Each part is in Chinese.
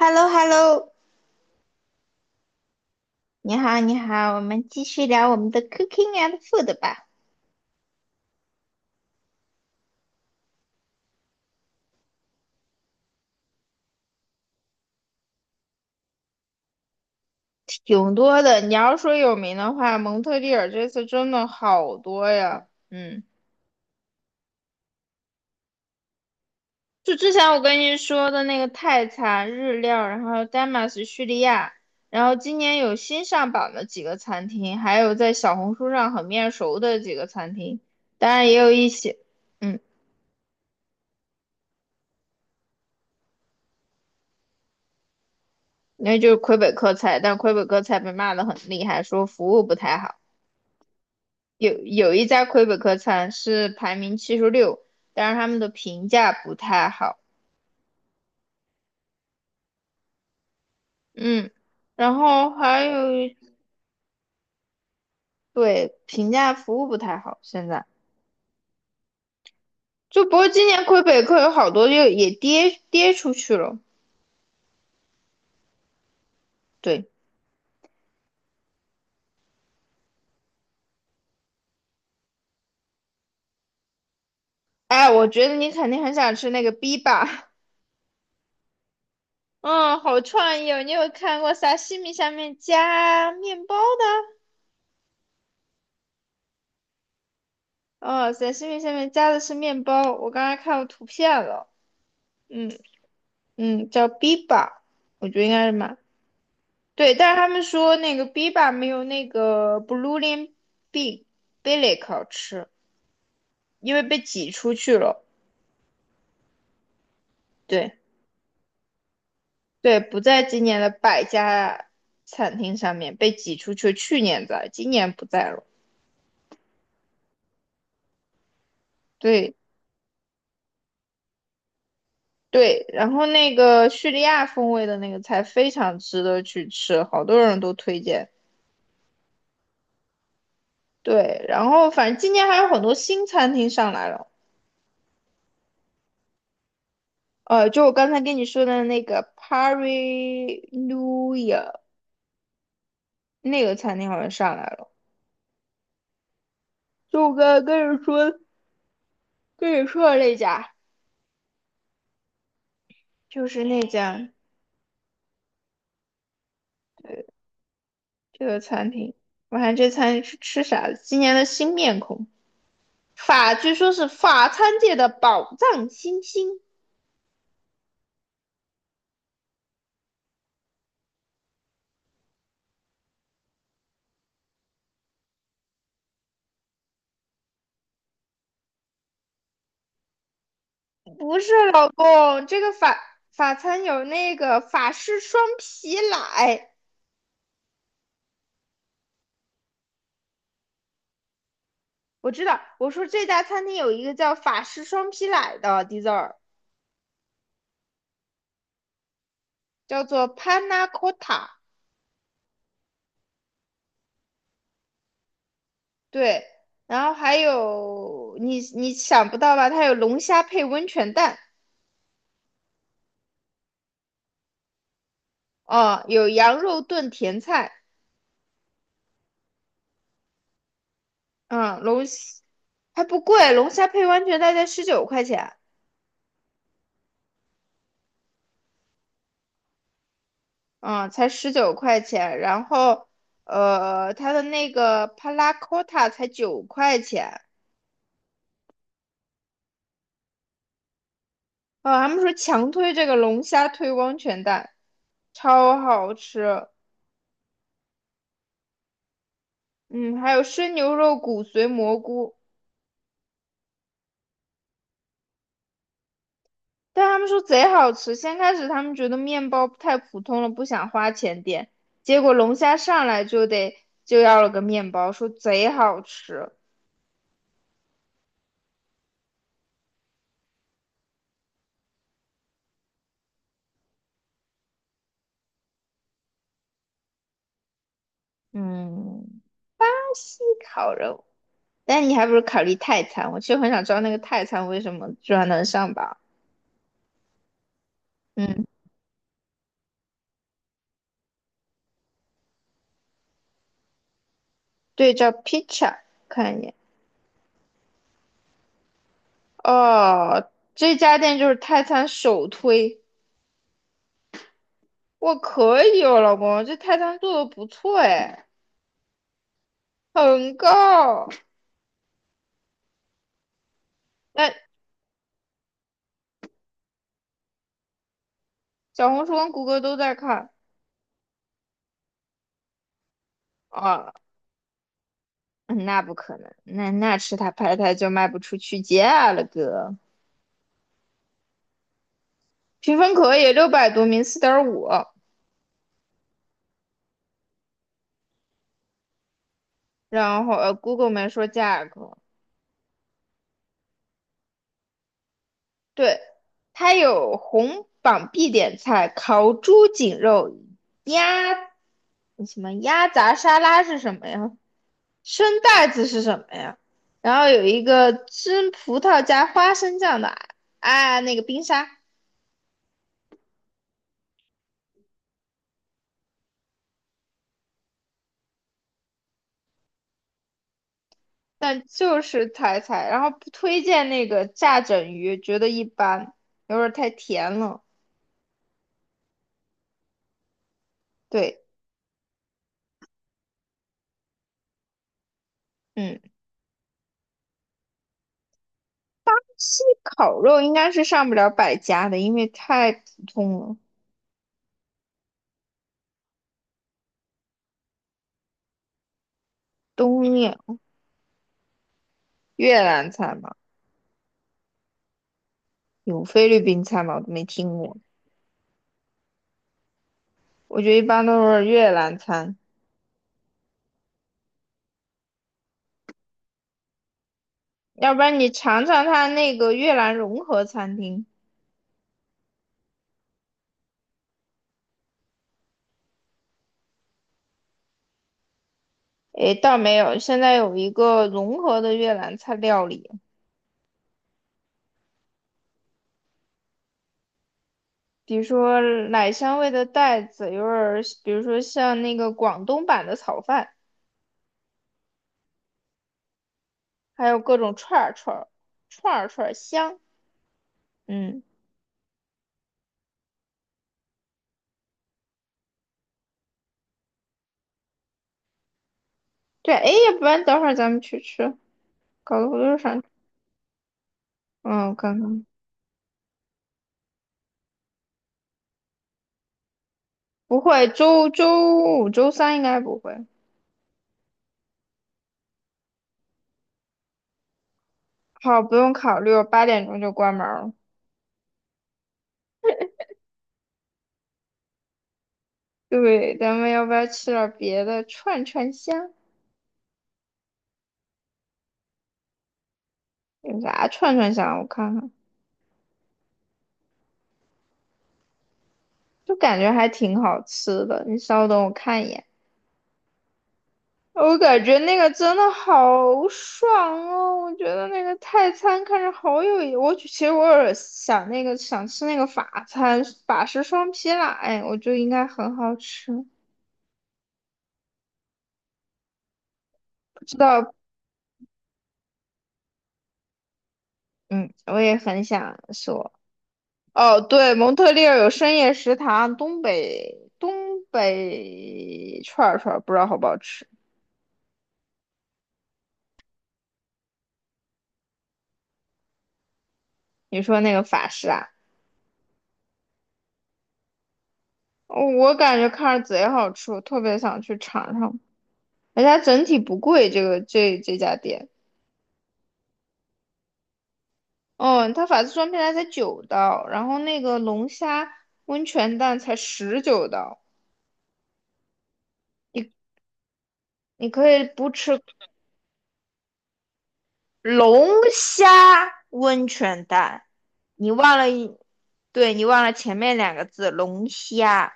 h e l l o h e l l o 你好，你好，我们继续聊我们的 cooking and food 吧。挺多的。你要说有名的话，蒙特利尔这次真的好多呀。嗯，就之前我跟你说的那个泰餐、日料，然后丹麦是叙利亚，然后今年有新上榜的几个餐厅，还有在小红书上很面熟的几个餐厅，当然也有一些。嗯，那就是魁北克菜，但魁北克菜被骂的很厉害，说服务不太好。有一家魁北克餐是排名76，但是他们的评价不太好。嗯，然后还有一对，评价服务不太好，现在就不过今年魁北克有好多就也跌跌出去了。对，哎，我觉得你肯定很想吃那个 B 吧？嗯，好创意哦！你有看过沙西米下面加面包的？哦，沙西米下面加的是面包，我刚才看到图片了。嗯嗯，叫 B 吧，我觉得应该是蛮。对，但是他们说那个 biba 没有那个 blue lim b bilic 好吃，因为被挤出去了。对对，不在今年的百家餐厅上面被挤出去，去年在，今年不在了。对对，然后那个叙利亚风味的那个菜非常值得去吃，好多人都推荐。对，然后反正今年还有很多新餐厅上来了。就我刚才跟你说的那个 Pari n u i a 那个餐厅好像上来了，就我刚才跟你说的那家，就是那家这个餐厅。我看这餐是吃啥的？今年的新面孔，法据说是法餐界的宝藏新星。不是老公，这个法餐有那个法式双皮奶。我知道。我说这家餐厅有一个叫法式双皮奶的 dessert，叫做 Panna Cotta。对，然后还有你想不到吧？它有龙虾配温泉蛋。哦，有羊肉炖甜菜。嗯，龙虾还不贵，龙虾配温泉蛋才十九块钱，嗯，才十九块钱。然后，它的那个帕拉 c 塔才9块钱。啊，他们说强推这个龙虾推温泉蛋，超好吃。嗯，还有生牛肉骨髓蘑菇，但他们说贼好吃。先开始他们觉得面包太普通了，不想花钱点，结果龙虾上来就要了个面包，说贼好吃。嗯，西烤肉，但你还不如考虑泰餐。我其实很想知道那个泰餐为什么居然能上榜。嗯，对照 pizza 看一眼。哦，这家店就是泰餐首推。我可以哦，老公，这泰餐做的不错哎。很高。那小红书跟谷歌都在看啊。嗯那不可能，那那吃它拍它就卖不出去价了哥。评分可以，600多名，4.5，然后谷歌 o 没说价格。对，它有红榜必点菜，烤猪颈肉、鸭什么鸭杂沙拉是什么呀？生带子是什么呀？然后有一个蒸葡萄加花生酱的啊，那个冰沙。但就是踩踩，然后不推荐那个炸整鱼，觉得一般，有点儿太甜了。对。嗯，西烤肉应该是上不了百家的，因为太普通了。东面越南菜嘛，有菲律宾菜吗？我都没听过。我觉得一般都是越南餐，要不然你尝尝它那个越南融合餐厅。诶，倒没有，现在有一个融合的越南菜料理。比如说奶香味的袋子，有点儿，比如说像那个广东版的炒饭，还有各种串儿串儿，串儿串儿香。嗯，对，哎，要不然等会儿咱们去吃，搞得我都想。嗯，我看看，不会，周五、周三应该不会。好，不用考虑，我8点钟就关门了。对，咱们要不要吃点别的串串香？有啥串串香？我看看，就感觉还挺好吃的。你稍等，我看一眼。我感觉那个真的好爽哦！我觉得那个泰餐看着好有意，我其实我有想那个想吃那个法餐，法式双皮奶，哎我觉得应该很好吃。不知道。嗯，我也很想说。哦，对，蒙特利尔有深夜食堂，东北东北串儿串儿不知道好不好吃。你说那个法式啊，哦我感觉看着贼好吃，我特别想去尝尝。而且它整体不贵，这个这家店。嗯，它法式双皮奶才九刀，然后那个龙虾温泉蛋才十九刀。你你可以不吃龙虾温泉蛋。你忘了一，对你忘了前面两个字龙虾，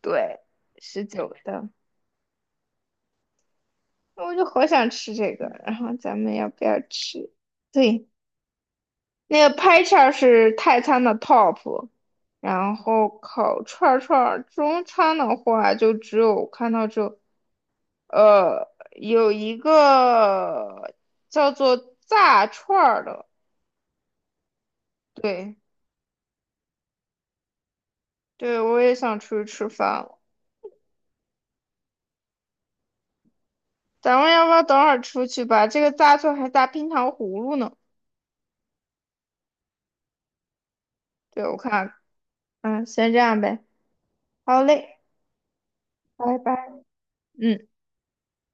对，十九刀。那我就好想吃这个，然后咱们要不要吃？对，那个拍叉是泰餐的 top。然后烤串儿串儿中餐的话就只有看到只有有一个叫做炸串儿的。对对，我也想出去吃饭了。咱们要不要等会儿出去吧？这个炸串还炸冰糖葫芦呢。对，我看。先这样呗。好嘞，拜拜。嗯。